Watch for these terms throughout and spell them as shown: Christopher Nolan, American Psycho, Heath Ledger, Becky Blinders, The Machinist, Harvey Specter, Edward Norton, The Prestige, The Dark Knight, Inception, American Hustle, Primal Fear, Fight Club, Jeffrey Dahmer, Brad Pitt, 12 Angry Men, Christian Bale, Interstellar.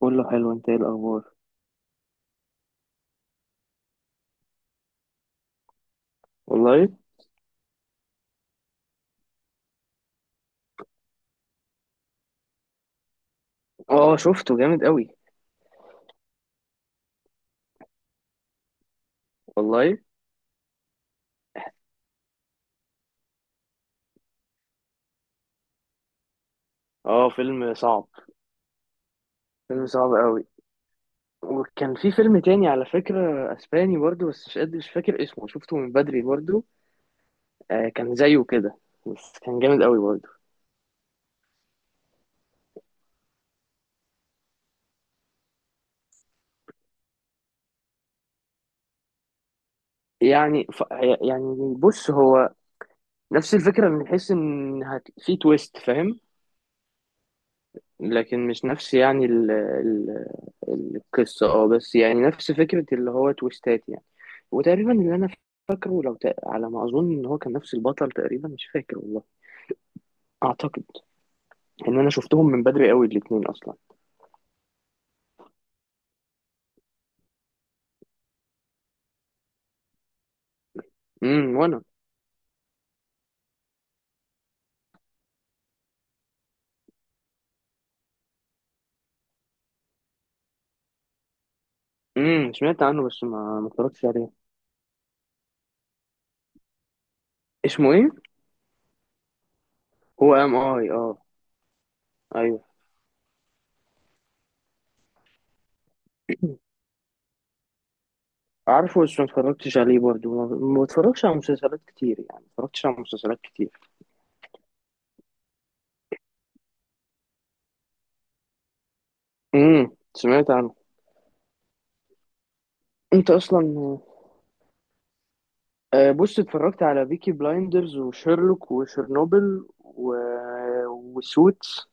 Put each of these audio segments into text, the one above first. كله حلو، انت ايه الاخبار؟ والله. اه شفته جامد قوي. والله. اه فيلم صعب. فيلم صعب قوي. وكان في فيلم تاني على فكرة، اسباني برضو، بس مش قادر مش فاكر اسمه، شفته من بدري برضو. آه كان زيه كده، بس كان جامد قوي برضو. يعني ف... يعني بص هو نفس الفكرة من حيث ان في تويست، فاهم؟ لكن مش نفس يعني القصة، اه، بس يعني نفس فكرة اللي هو تويستات يعني. وتقريبا اللي انا فاكره، على ما اظن ان هو كان نفس البطل تقريبا، مش فاكر والله. اعتقد ان انا شفتهم من بدري قوي الاتنين اصلا. وانا. سمعت عنه، بس ما اتفرجتش عليه. اسمه ايه؟ هو ام اي، اه. ايوه. عارفه بس ما اتفرجتش عليه برضه. ما بتفرجش على مسلسلات كتير، يعني ما اتفرجتش على مسلسلات كتير. سمعت عنه. انت اصلا، آه، بص، اتفرجت على بيكي بلايندرز وشيرلوك وشيرنوبل وسوتس،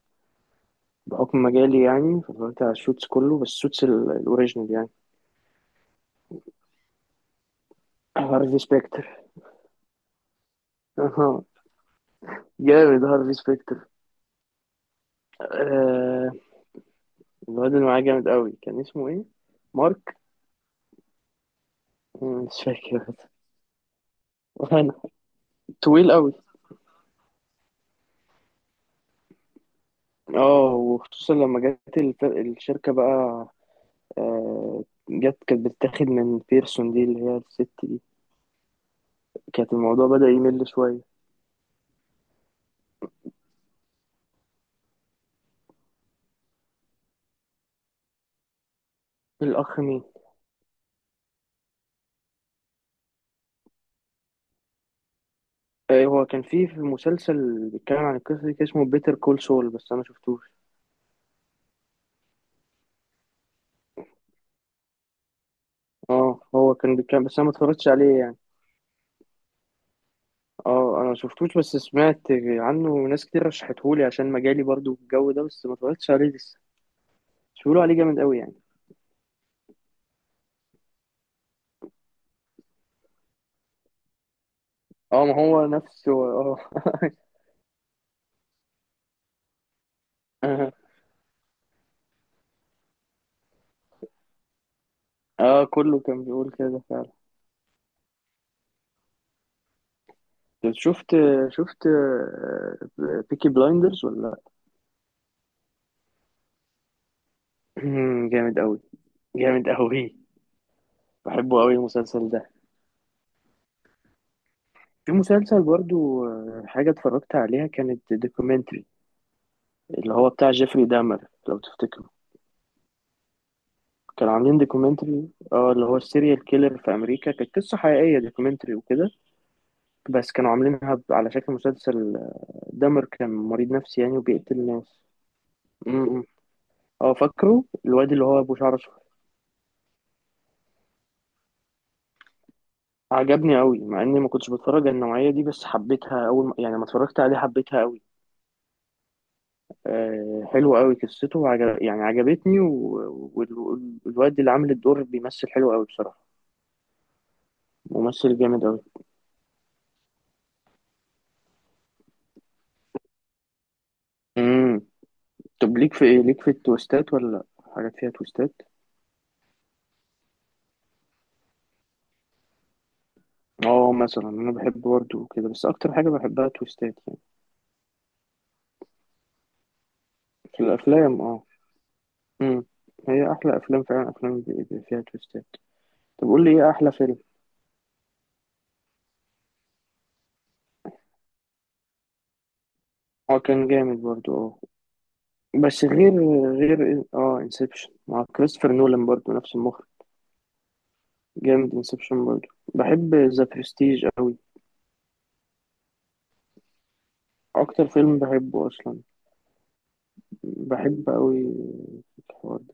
بحكم مجالي يعني. فاتفرجت على السوتس كله، بس السوتس الاوريجينال يعني. هارفي سبيكتر. اها. جامد هارفي سبيكتر. آه الواد اللي معاه جامد قوي، كان اسمه ايه؟ مارك. مم، مش فاكر. انا. طويل قوي. اه وخصوصا لما جت الشركة بقى. آه، جت كانت بتتاخد من بيرسون دي، اللي هي الست دي. كانت الموضوع بدأ يمل شوية. الأخ مين؟ آه، هو كان في مسلسل بيتكلم عن القصة دي، كان اسمه بيتر كول سول، بس أنا مشفتوش. اه هو كان بيتكلم بس انا ما اتفرجتش عليه يعني. اه انا ما شفتوش، بس سمعت عنه وناس كتير رشحتهولي عشان مجالي برضو الجو ده، بس ما اتفرجتش عليه لسه. بس بيقولوا عليه جامد قوي يعني. اه ما هو نفسه اه. اه كله كان بيقول كده فعلا. شفت شفت بيكي بلايندرز ولا؟ جامد قوي. جامد قوي. بحبه قوي المسلسل ده. في مسلسل برضو، آه، حاجة اتفرجت عليها كانت دوكيومنتري، اللي هو بتاع جيفري دامر، لو تفتكر. كانوا عاملين دوكيومنتري، اه، اللي هو السيريال كيلر في امريكا، كانت قصه حقيقيه، دوكيومنتري وكده. بس كانوا عاملينها على شكل مسلسل. آه، دمر كان مريض نفسي يعني وبيقتل ناس. م- م. اه فاكره الواد اللي هو ابو شعر اصفر. عجبني قوي مع اني ما كنتش بتفرج على النوعيه دي، بس حبيتها اول ما، يعني لما اتفرجت عليه حبيتها قوي. آه حلوه قوي قصته، وعجب يعني عجبتني والواد اللي عامل الدور بيمثل حلو قوي بصراحه. ممثل جامد قوي. امم. طب ليك في ايه، ليك في التويستات ولا لأ؟ حاجات فيها تويستات. اه مثلا انا بحب برضه كده، بس اكتر حاجه بحبها تويستات يعني. في الافلام اه. امم. هي احلى افلام فعلا، افلام بيبقى فيها تويستات. طب قول لي ايه احلى فيلم. اه كان جامد برضه اه. بس غير، اه، انسبشن مع كريستوفر نولان برضه، نفس المخرج. جامد انسبشن برضه. بحب ذا برستيج قوي. اكتر فيلم بحبه اصلا. بحب قوي الحوار ده.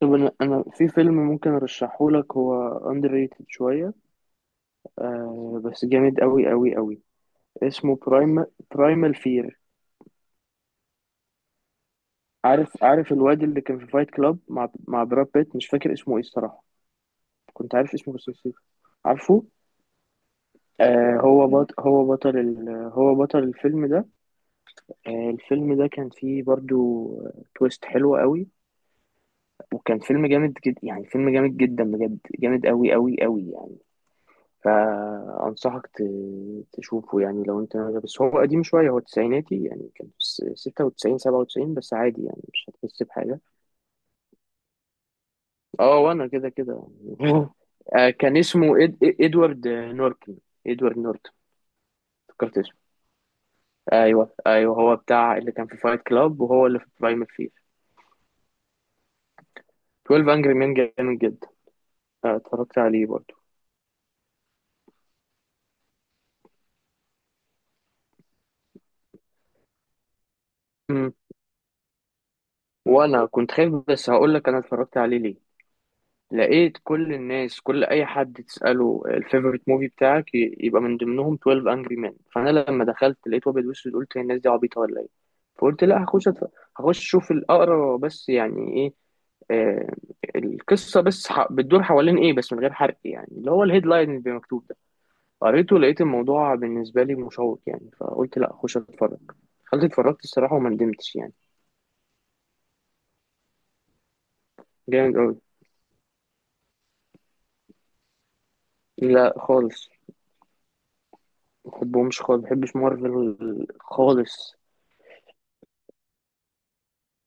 طب انا في فيلم ممكن ارشحه لك، هو underrated شويه. آه بس جامد قوي قوي قوي. اسمه برايم، برايمال فير. عارف الواد اللي كان في فايت كلاب مع براد بيت، مش فاكر اسمه ايه الصراحة. كنت عارف اسمه بس نسيت. عارفه. آه هو بطل الفيلم ده. آه الفيلم ده كان فيه برضو تويست حلوة قوي. وكان فيلم جامد جدا، يعني فيلم جامد جدا بجد، جامد قوي قوي قوي يعني. فأنصحك ت... تشوفه يعني لو انت، بس هو قديم شوية، هو تسعيناتي يعني، كان في 96 97، بس عادي يعني مش هتحس بحاجة. اه وانا كده كده. آه كان اسمه ادوارد نورتن. ادوارد نورتن. فكرت اسمه. ايوه ايوه هو بتاع اللي كان في فايت كلاب وهو اللي في برايم فير. 12 انجري مان جامد جدا. آه اتفرجت عليه برضه. مم. وانا كنت خايف، بس هقول لك انا اتفرجت عليه ليه. لقيت كل الناس، كل اي حد تساله الفيفوريت موفي بتاعك يبقى من ضمنهم 12 انجري مان، فانا لما دخلت لقيت ابيض واسود قلت هي الناس دي عبيطه ولا ايه؟ فقلت لا، هخش اشوف الاقرا بس يعني ايه. آه القصه بس بتدور حوالين ايه، بس من غير حرق يعني، اللي هو الهيدلاين اللي بيبقى مكتوب ده. قريته، لقيت الموضوع بالنسبه لي مشوق يعني، فقلت لا اخش اتفرج. دخلت اتفرجت الصراحه وما ندمتش يعني. جامد قوي. لا خالص، ما بحبهمش خالص، ما بحبش مارفل خالص.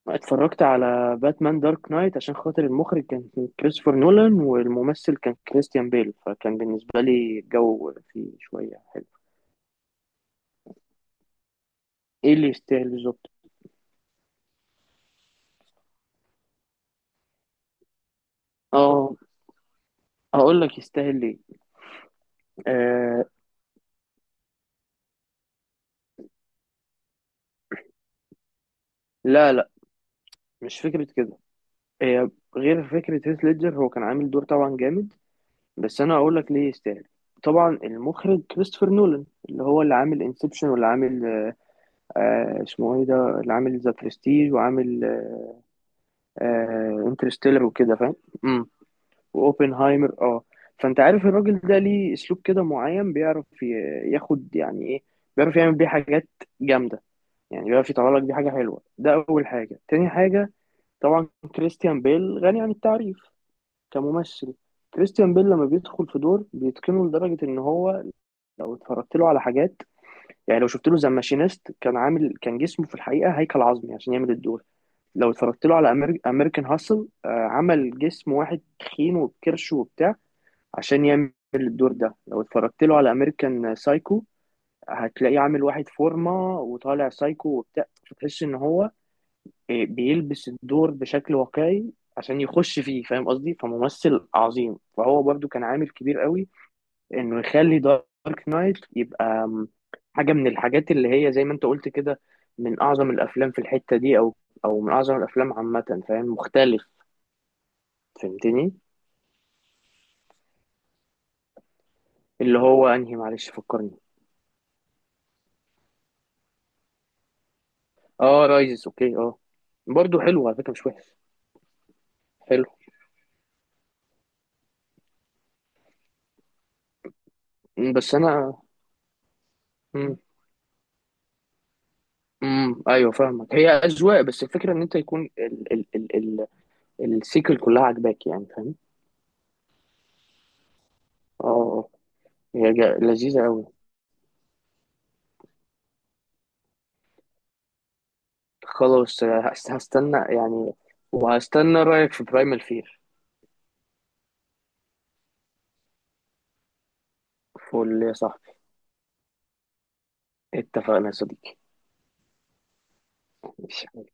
اتفرجت على باتمان دارك نايت عشان خاطر المخرج كان كريستوفر نولان والممثل كان كريستيان بيل، فكان بالنسبة لي الجو فيه شوية حلو. ايه اللي يستاهل بالظبط؟ اه هقول لك يستاهل ليه. آه لا لا، مش فكرة كده. هي غير فكرة هيث ليدجر، هو كان عامل دور طبعا جامد. بس انا هقول لك ليه يستاهل. طبعا المخرج كريستوفر نولان، اللي هو اللي عامل انسبشن واللي عامل، آه اسمه ايه ده، اللي عامل ذا برستيج وعامل آه انترستيلر وكده، فاهم؟ واوبنهايمر اه. فانت عارف الراجل ده ليه اسلوب كده معين، ياخد يعني ايه، بيعرف يعمل بيه حاجات جامده يعني، بيعرف يطلع لك بيه حاجه حلوه. ده اول حاجه. تاني حاجه، طبعا كريستيان بيل غني عن التعريف كممثل. كريستيان بيل لما بيدخل في دور بيتقنه لدرجه ان هو، لو اتفرجت له على حاجات، يعني لو شفت له ذا ماشينيست كان عامل، كان جسمه في الحقيقه هيكل عظمي عشان يعمل الدور. لو اتفرجت له على امريكان هاسل، آه، عمل جسم واحد تخين وبكرش وبتاع عشان يعمل الدور ده. لو اتفرجت له على امريكان سايكو، هتلاقيه عامل واحد فورمة وطالع سايكو وبتاع، فتحس ان هو، إيه، بيلبس الدور بشكل واقعي عشان يخش فيه، فاهم قصدي؟ فممثل عظيم. فهو برضو كان عامل كبير قوي انه يخلي دارك نايت يبقى حاجة من الحاجات اللي هي زي ما انت قلت كده، من اعظم الافلام في الحتة دي او او من اعظم الافلام عامة، فاهم؟ مختلف. فهمتني. اللي هو انهي معلش فكرني. اه رايزز، اوكي، اه. برضو حلو على فكره مش وحش، حلو. مم، بس انا. امم. ايوه فاهمك، هي اذواق، بس الفكره ان انت يكون ال السيكل كلها عاجباك يعني، فاهم؟ اه اه. هي لذيذه قوي. خلاص، هستنى يعني، وهستنى رايك في برايمال فير. فول يا صاحبي. اتفقنا يا صديقي. ماشي.